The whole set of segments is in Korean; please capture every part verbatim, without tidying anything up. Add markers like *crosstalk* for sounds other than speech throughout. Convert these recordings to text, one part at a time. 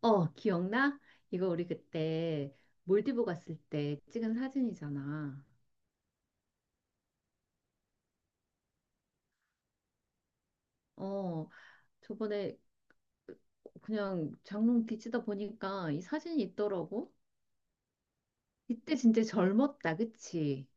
어, 기억나? 이거 우리 그때 몰디브 갔을 때 찍은 사진이잖아. 어, 저번에 그냥 장롱 뒤지다 보니까 이 사진이 있더라고. 이때 진짜 젊었다, 그치?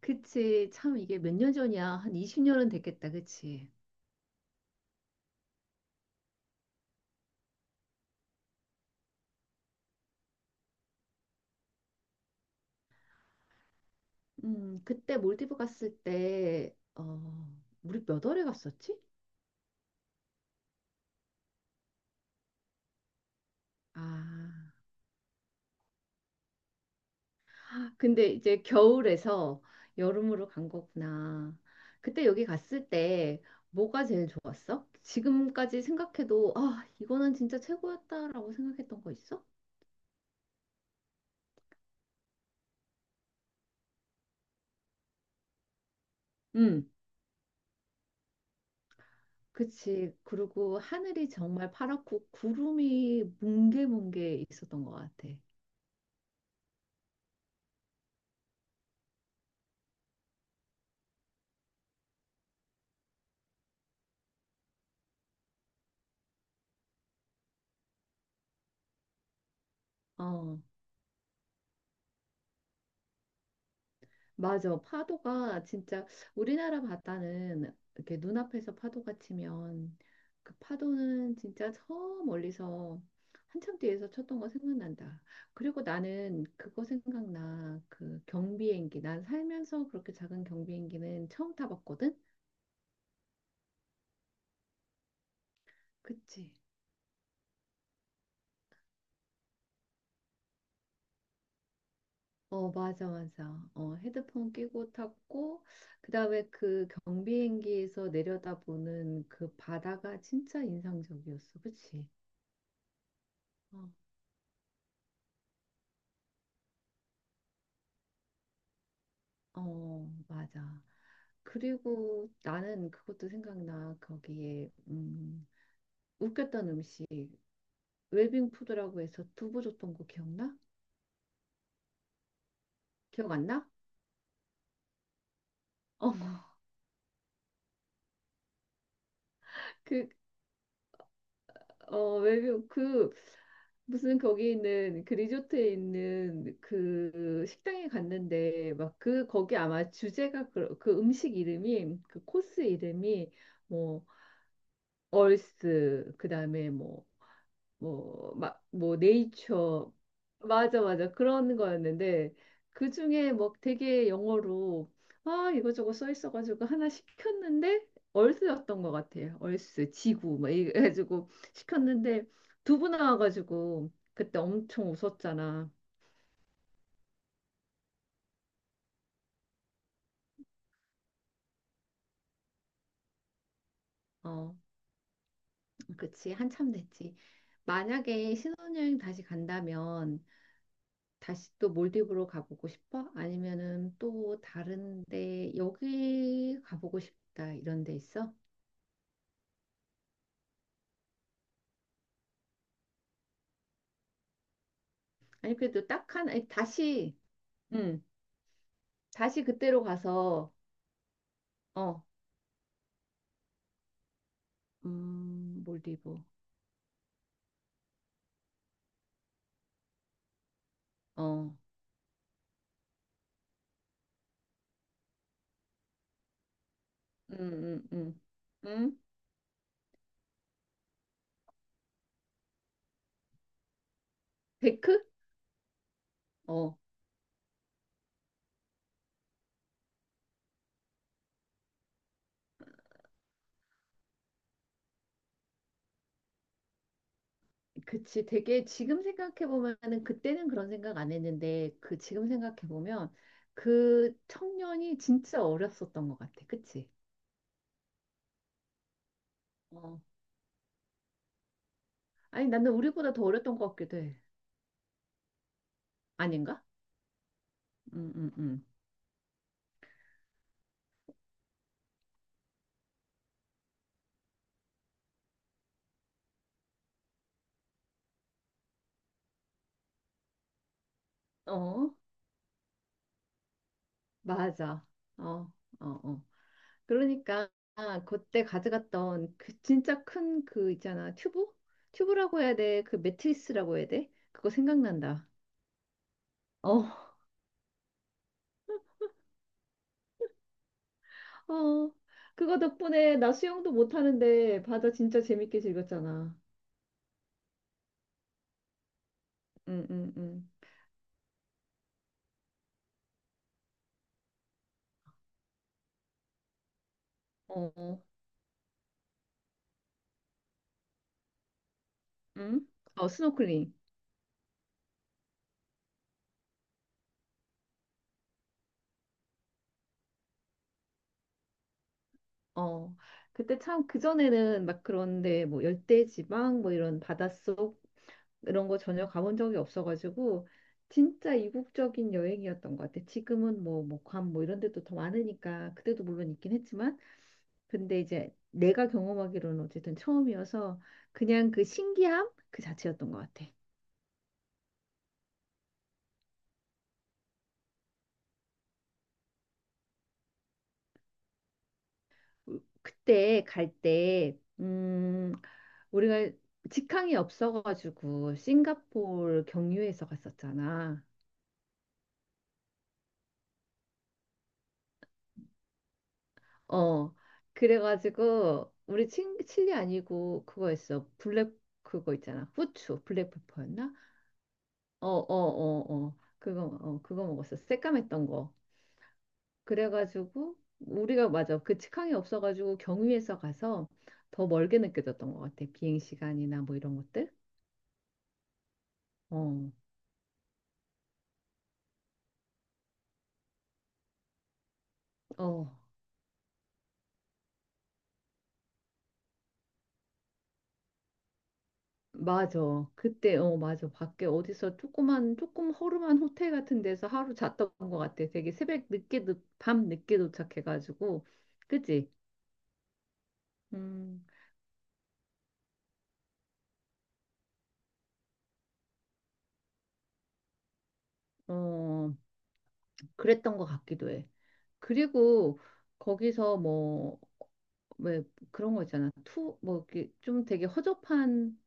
그치. 참 이게 몇 년 전이야. 한 이십 년은 됐겠다, 그치? 음, 그때 몰디브 갔을 때, 어, 우리 몇 월에 갔었지? 아. 근데 이제 겨울에서 여름으로 간 거구나. 그때 여기 갔을 때 뭐가 제일 좋았어? 지금까지 생각해도 아, 이거는 진짜 최고였다라고 생각했던 거 있어? 응, 그치. 그리고 하늘이 정말 파랗고 구름이 뭉게뭉게 있었던 것 같아. 어, 맞아. 파도가 진짜 우리나라 바다는 이렇게 눈앞에서 파도가 치면 그 파도는 진짜 저 멀리서 한참 뒤에서 쳤던 거 생각난다. 그리고 나는 그거 생각나. 그 경비행기. 난 살면서 그렇게 작은 경비행기는 처음 타봤거든. 그치? 어, 맞아, 맞아. 어, 헤드폰 끼고 탔고, 그 다음에 그 경비행기에서 내려다보는 그 바다가 진짜 인상적이었어. 그치? 어. 어, 맞아. 그리고 나는 그것도 생각나. 거기에 음, 웃겼던 음식 웰빙 푸드라고 해서 두부 줬던 거 기억나? 기억 안 나? *laughs* 어, 그, 어, 웰빙 그 무슨 거기 있는 그 리조트에 있는 그 식당에 갔는데 막 그 거기 아마 주제가 그, 그 음식 이름이 그 코스 이름이 뭐 얼스 그다음에 뭐 뭐, 막, 뭐, 네이처. 맞아, 맞아. 그런 거였는데, 그 중에 뭐 되게 영어로, 아, 이거저거 써 있어가지고 하나 시켰는데, 얼스였던 것 같아요. 얼스, 지구, 막 이래가지고 시켰는데, 두부 나와가지고, 그때 엄청 웃었잖아. 어, 그치. 한참 됐지. 만약에 신혼여행 다시 간다면, 다시 또 몰디브로 가보고 싶어? 아니면은 또 다른데 여기 가보고 싶다 이런 데 있어? 아니 그래도 딱 하나 아니, 다시 음 다시 그때로 가서 어 음, 몰디브 어 음 음 음 음 데크? 어 그치. 되게 지금 생각해 보면은 그때는 그런 생각 안 했는데 그 지금 생각해 보면 그 청년이 진짜 어렸었던 것 같아. 그치? 어. 아니 나는 우리보다 더 어렸던 것 같기도 해. 아닌가? 음, 음, 음. 어, 맞아. 어, 어, 어. 그러니까 그때 가져갔던 그 진짜 큰 그 있잖아. 튜브? 튜브라고 해야 돼. 그 매트리스라고 해야 돼. 그거 생각난다. 어, 어. 그거 덕분에 나 수영도 못 하는데 바다 진짜 재밌게 즐겼잖아. 응, 응, 응. 어, 어. 응? 어, 스노클링. 어. 그때 참 그전에는 막 그런데 뭐 열대지방 뭐 이런 바닷속 이런 거 전혀 가본 적이 없어가지고 진짜 이국적인 여행이었던 것 같아. 지금은 뭐 목함 뭐 이런 데도 더 많으니까 그때도 물론 있긴 했지만 근데 이제 내가 경험하기로는 어쨌든 처음이어서 그냥 그 신기함 그 자체였던 것 같아. 우- 그때 갈 때, 음, 우리가 직항이 없어가지고 싱가포르 경유해서 갔었잖아. 어, 그래가지고, 우리 친, 칠리 아니고, 그거였어. 블랙, 그거 있잖아. 후추, 블랙페퍼였나? 어, 어, 어, 어. 그거, 어, 그거 먹었어. 새까맸던 거. 그래가지고, 우리가 맞아. 그 직항이 없어가지고, 경유해서 가서 더 멀게 느껴졌던 것 같아. 비행 시간이나 뭐 이런 것들. 어, 어. 맞아. 그때, 어, 맞아. 밖에 어디서 조그만, 조금 허름한 호텔 같은 데서 하루 잤던 것 같아. 되게 새벽 늦게, 도- 밤 늦게 도착해가지고. 그치? 음, 어, 그랬던 것 같기도 해. 그리고 거기서 뭐, 왜 그런 거 있잖아. 투, 뭐, 이렇게 좀 되게 허접한,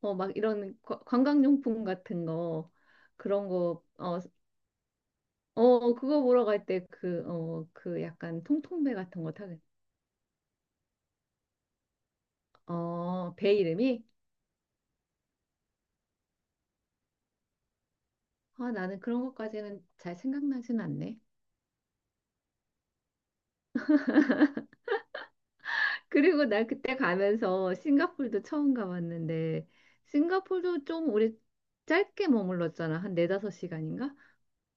어, 막 이런 과- 관광용품 같은 거, 그런 거, 어, 어, 그거 보러 갈 때 그, 어, 그 약간 통통배 같은 거 타는, 어, 배 이름이? 아, 나는 그런 것까지는 잘 생각나진 않네. 그리고 나 그때 가면서 싱가폴도 처음 가봤는데, 싱가폴도 좀 우리 짧게 머물렀잖아. 한 네다섯 시간인가?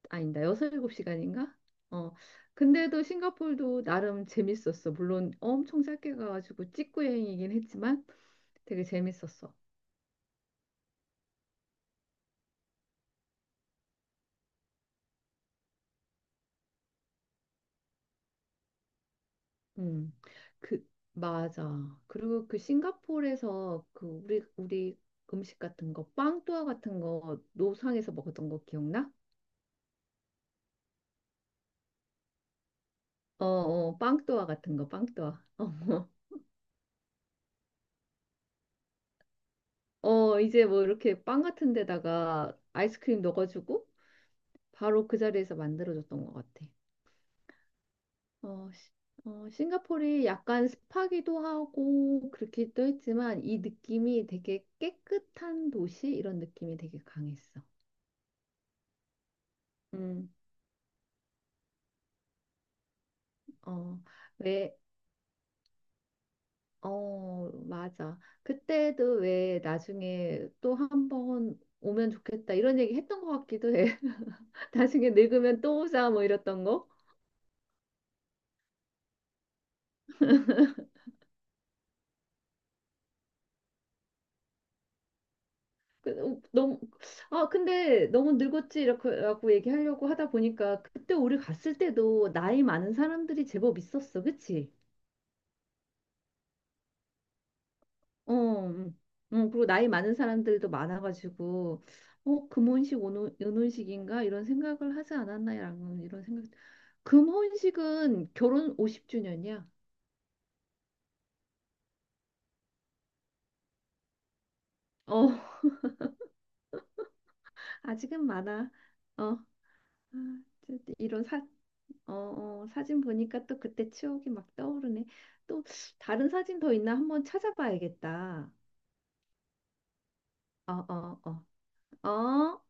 아니다, 여섯 일곱 시간인가? 어. 근데도 싱가폴도 나름 재밌었어. 물론 엄청 짧게 가가지고 찍고 여행이긴 했지만 되게 재밌었어. 음, 그, 맞아. 그리고 그 싱가포르에서 그 우리, 우리 음식 같은 거, 빵또아 같은 거, 노상에서 먹었던 거 기억나? 어, 어, 빵또아 같은 거, 빵또아. *laughs* 어, 어, 이제 뭐 이렇게 빵 같은 데다가 아이스크림 넣어주고 바로 그 자리에서 만들어줬던 것 같아. 어, 시- 어, 싱가포르이 약간 습하기도 하고 그렇기도 했지만 이 느낌이 되게 깨끗한 도시 이런 느낌이 되게 강했어. 음. 어, 왜, 어, 맞아. 그때도 왜 나중에 또 한번 오면 좋겠다 이런 얘기 했던 것 같기도 해. *laughs* 나중에 늙으면 또 오자 뭐 이랬던 거. 그, 어, 너무, 아, 근데 너무 늙었지 이렇게 라고 얘기하려고 하다 보니까 그때 우리 갔을 때도 나이 많은 사람들이 제법 있었어. 그치? 어, 음, 음, 그리고 나이 많은 사람들도 많아가지고, 어, 금혼식, 은혼- 은혼식인가? 이런 생각을 하지 않았나? 라는 이런 생각. 금혼식은 결혼 오십 주년이야. 어, *laughs* 아직은 많아. 어, 아, 저- 이런 사, 어, 어, 사진 보니까 또 그때 추억이 막 떠오르네. 또 다른 사진 더 있나 한번 찾아봐야겠다. 어, 어, 어, 어.